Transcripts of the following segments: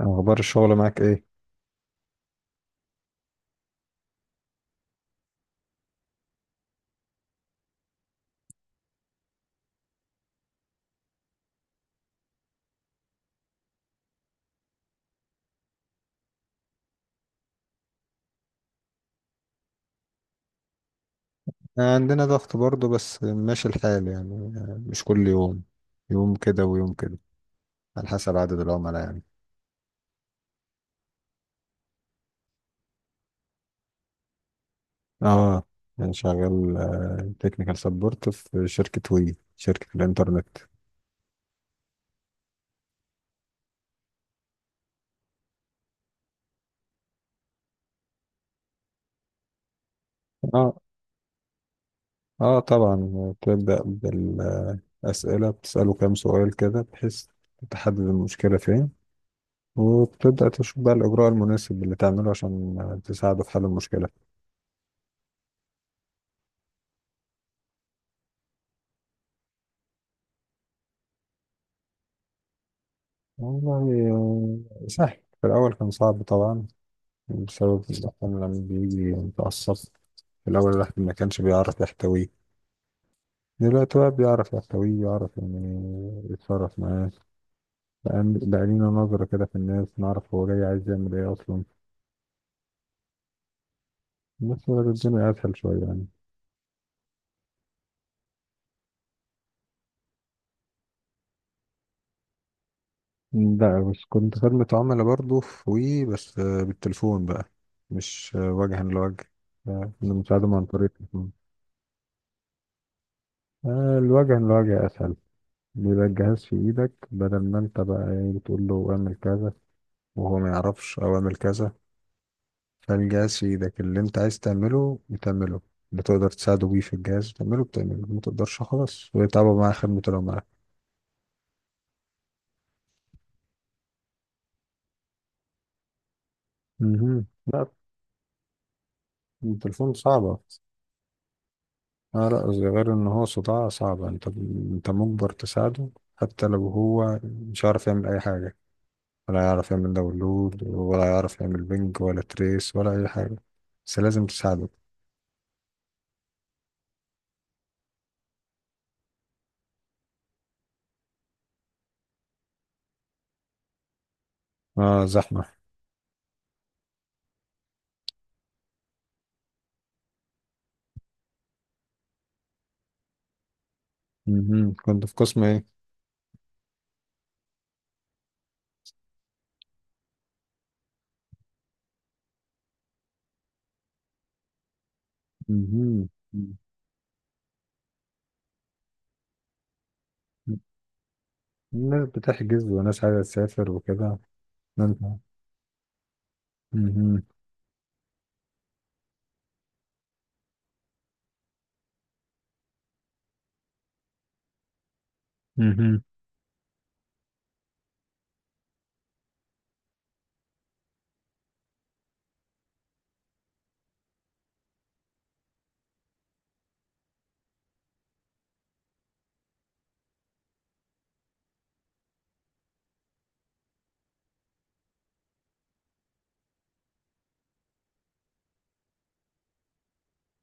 أخبار الشغل معاك إيه؟ عندنا ضغط برضه، بس ماشي الحال يعني. مش كل يوم، يوم كده ويوم كده، على حسب عدد العملاء يعني. آه، يعني شغال تكنيكال سبورت في شركة وي، شركة الإنترنت. آه آه، طبعا تبدأ بالأسئلة، بتسأله كام سؤال كده بحيث تحدد المشكلة فين، وبتبدأ تشوف بقى الإجراء المناسب اللي تعمله عشان تساعده في حل المشكلة. والله سهل. في الأول كان صعب طبعا بسبب الزحام، لما بيجي متعصب. في الأول الواحد ما كانش بيعرف يحتويه، دلوقتي بقى بيعرف يحتويه، يعرف يعني يتصرف معاه. بقى لينا نظرة كده في الناس، نعرف هو جاي عايز يعمل ايه أصلا. بس بقى الدنيا أسهل شوية يعني. لا، بس كنت خدمة عملاء برضه في وي، بس بالتليفون بقى. مش وجها لوجه. كنا بنساعدهم عن طريق التليفون. آه، الوجها لوجه أسهل. بيبقى الجهاز في إيدك، بدل ما أنت بقى بتقول له اعمل كذا وهو ما يعرفش، او اعمل كذا. فالجهاز في ايدك، اللي انت عايز تعمله بتعمله. بتقدر تساعده بيه، في الجهاز بتعمله بتعمله، ما تقدرش خلاص ويتعبوا معاه خدمته لو معاه. مهم. لا، التليفون صعبة. لا، غير ان هو صداع صعبة، انت مجبر تساعده حتى لو هو مش عارف يعمل اي حاجة، ولا يعرف يعمل داونلود، ولا يعرف يعمل بنج ولا تريس ولا اي حاجة، بس لازم تساعده. اه، زحمة. مهم. كنت في قسم ايه؟ مهم. الناس بتحجز، وناس عايزة تسافر وكده. انت. مهم. مهم.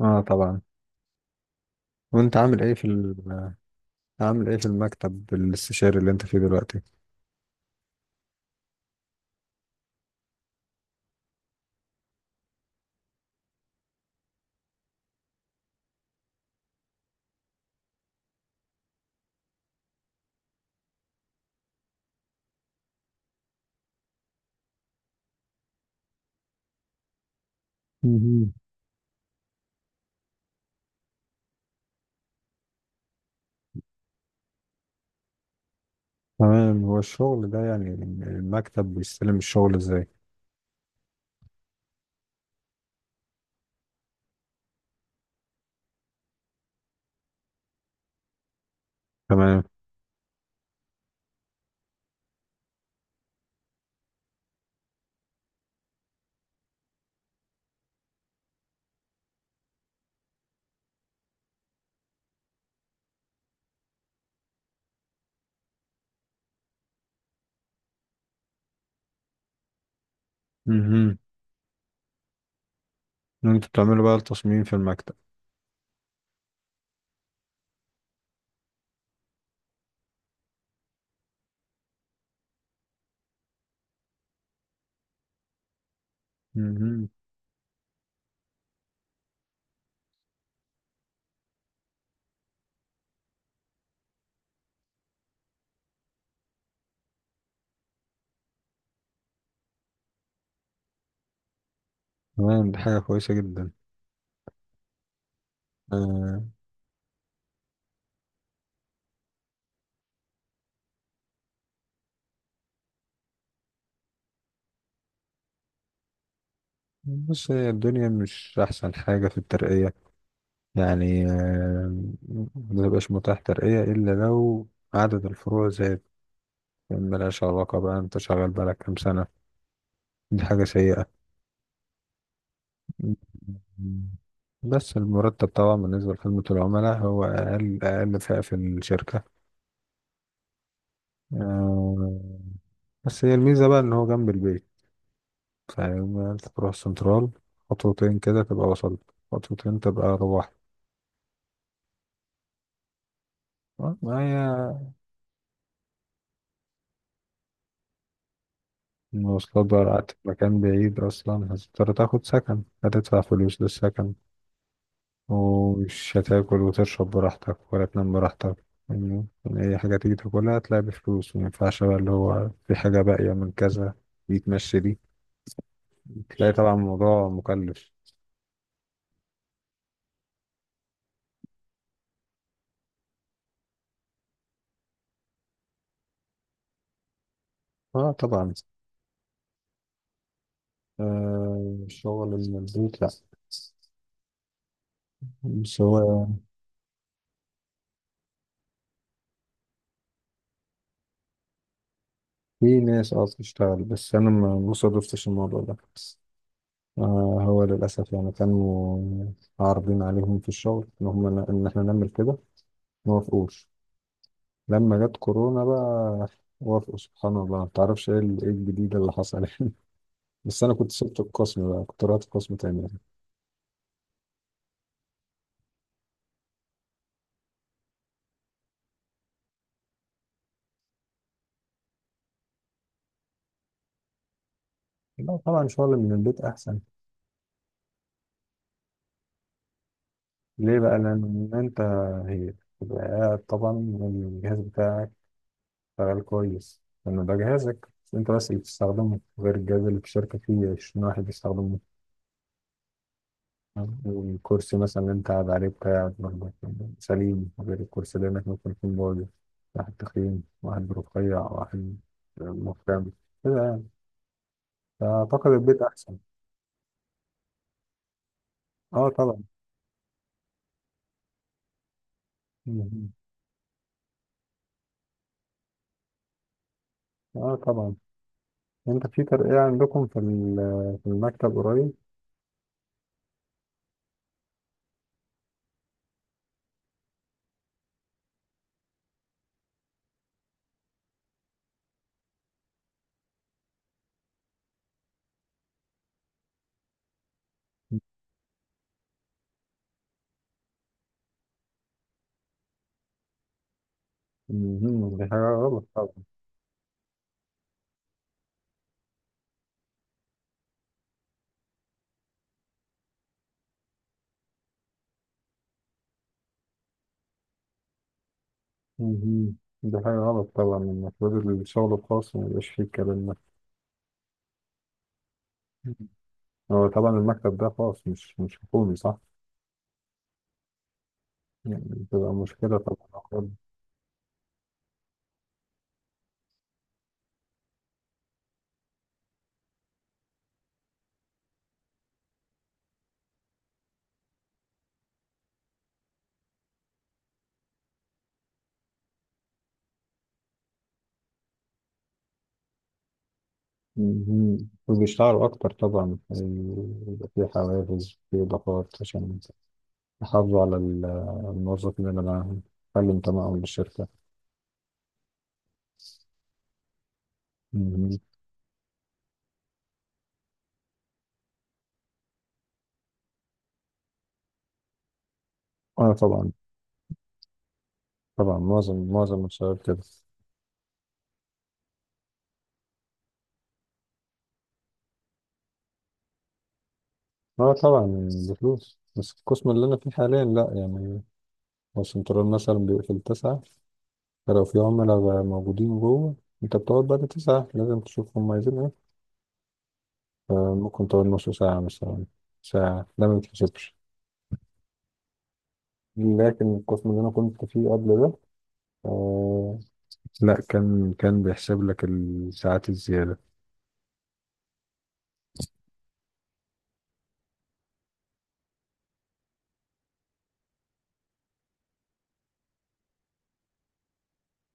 اه طبعا. وانت عامل ايه في ال... عامل ايه في المكتب الاستشاري اللي انت فيه دلوقتي؟ مهم. تمام، هو الشغل ده يعني المكتب بيستلم الشغل ازاي؟ تمام. مهم. انت بتعملوا بقى التصميم في المكتب. مهم. تمام، دي حاجة كويسة جدا. آه. بص، هي الدنيا مش أحسن حاجة في الترقية يعني. ما بيبقاش متاح ترقية إلا لو عدد الفروع زاد. يا عم، ملهاش علاقة بقى انت شغال بقالك كام سنة. دي حاجة سيئة. مم. بس المرتب طبعا بالنسبة لخدمة العملاء هو أقل، أقل فئة في الشركة. آه، بس هي الميزة بقى إن هو جنب البيت، فيعني أنت تروح السنترال، خطوتين كده تبقى وصلت، خطوتين تبقى روحت. آه، ما هي. المواصلات بقى قعدت في مكان بعيد، أصلا هتضطر تاخد سكن، هتدفع فلوس للسكن، ومش هتاكل وتشرب براحتك ولا تنام براحتك يعني. أي حاجة تيجي تاكلها تلاقي بفلوس، مينفعش بقى اللي هو في حاجة باقية من كذا يتمشي دي. تلاقي طبعا الموضوع مكلف. اه طبعا. آه، شغل من البيت لا، بس هو. في ناس اه بتشتغل، بس أنا ما صادفتش الموضوع ده. آه، هو للأسف يعني كانوا عارضين عليهم في الشغل إن هم، إن إحنا نعمل كده، ما وافقوش. لما جت كورونا بقى وافقوا، سبحان الله. ما تعرفش ايه إيه الجديد اللي حصل بس انا كنت سبت القسم بقى، كنت رحت قسم تاني. لا طبعا، شغل من البيت احسن. ليه بقى؟ لان انت. هي تبقى قاعد طبعا، الجهاز بتاعك شغال كويس، لانه ده جهازك، بس انت بس اللي بتستخدمه، غير الجهاز اللي في الشركه فيه 20 واحد بيستخدمه. والكرسي مثلا اللي انت قاعد عليه بتاعك برضه سليم، غير الكرسي اللي انك ممكن يكون بايظ، واحد تخين، واحد رفيع، واحد مفرم كده يعني. فأعتقد البيت أحسن. اه طبعا. مهم. اه طبعا. انت في ترقية عندكم في المكتب قريب؟ مهم. دي حاجة غلط طبعا. مهم. دي حاجة غلط طبعا، المفروض الشغل الخاص ما يبقاش فيه الكلام ده. مهم. هو طبعا المكتب ده خاص، مش حكومي، صح؟ يعني بتبقى مشكلة طبعا. مهم. وبيشتغلوا أكتر طبعا، يبقى في حوافز، في إضافات، عشان يحافظوا على الموظفين اللي معاهم، يخلوا انتمائهم للشركة. مهم. أه طبعا. معظم الشباب كده. أه طبعا بفلوس، بس القسم اللي أنا فيه حاليا لأ يعني. هو السنترال مثلا بيقفل 9، فلو في عملاء بقى موجودين جوه، أنت بتقعد بعد 9، لازم تشوف هم عايزين إيه، فممكن تقعد نص ساعة مثلا، ساعة، ده ما بيتحسبش. لكن القسم اللي أنا كنت فيه قبل ده آه، لا، كان بيحسب لك الساعات الزيادة.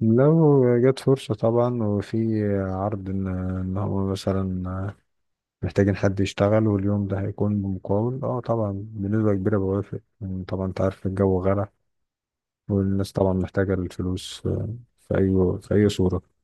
لو جت فرصة طبعا وفي عرض إن، هو مثلا محتاجين حد يشتغل، واليوم ده هيكون بمقاول، أه طبعا بنسبة كبيرة بوافق يعني. طبعا أنت عارف الجو غلا، والناس طبعا محتاجة الفلوس. في أي صورة.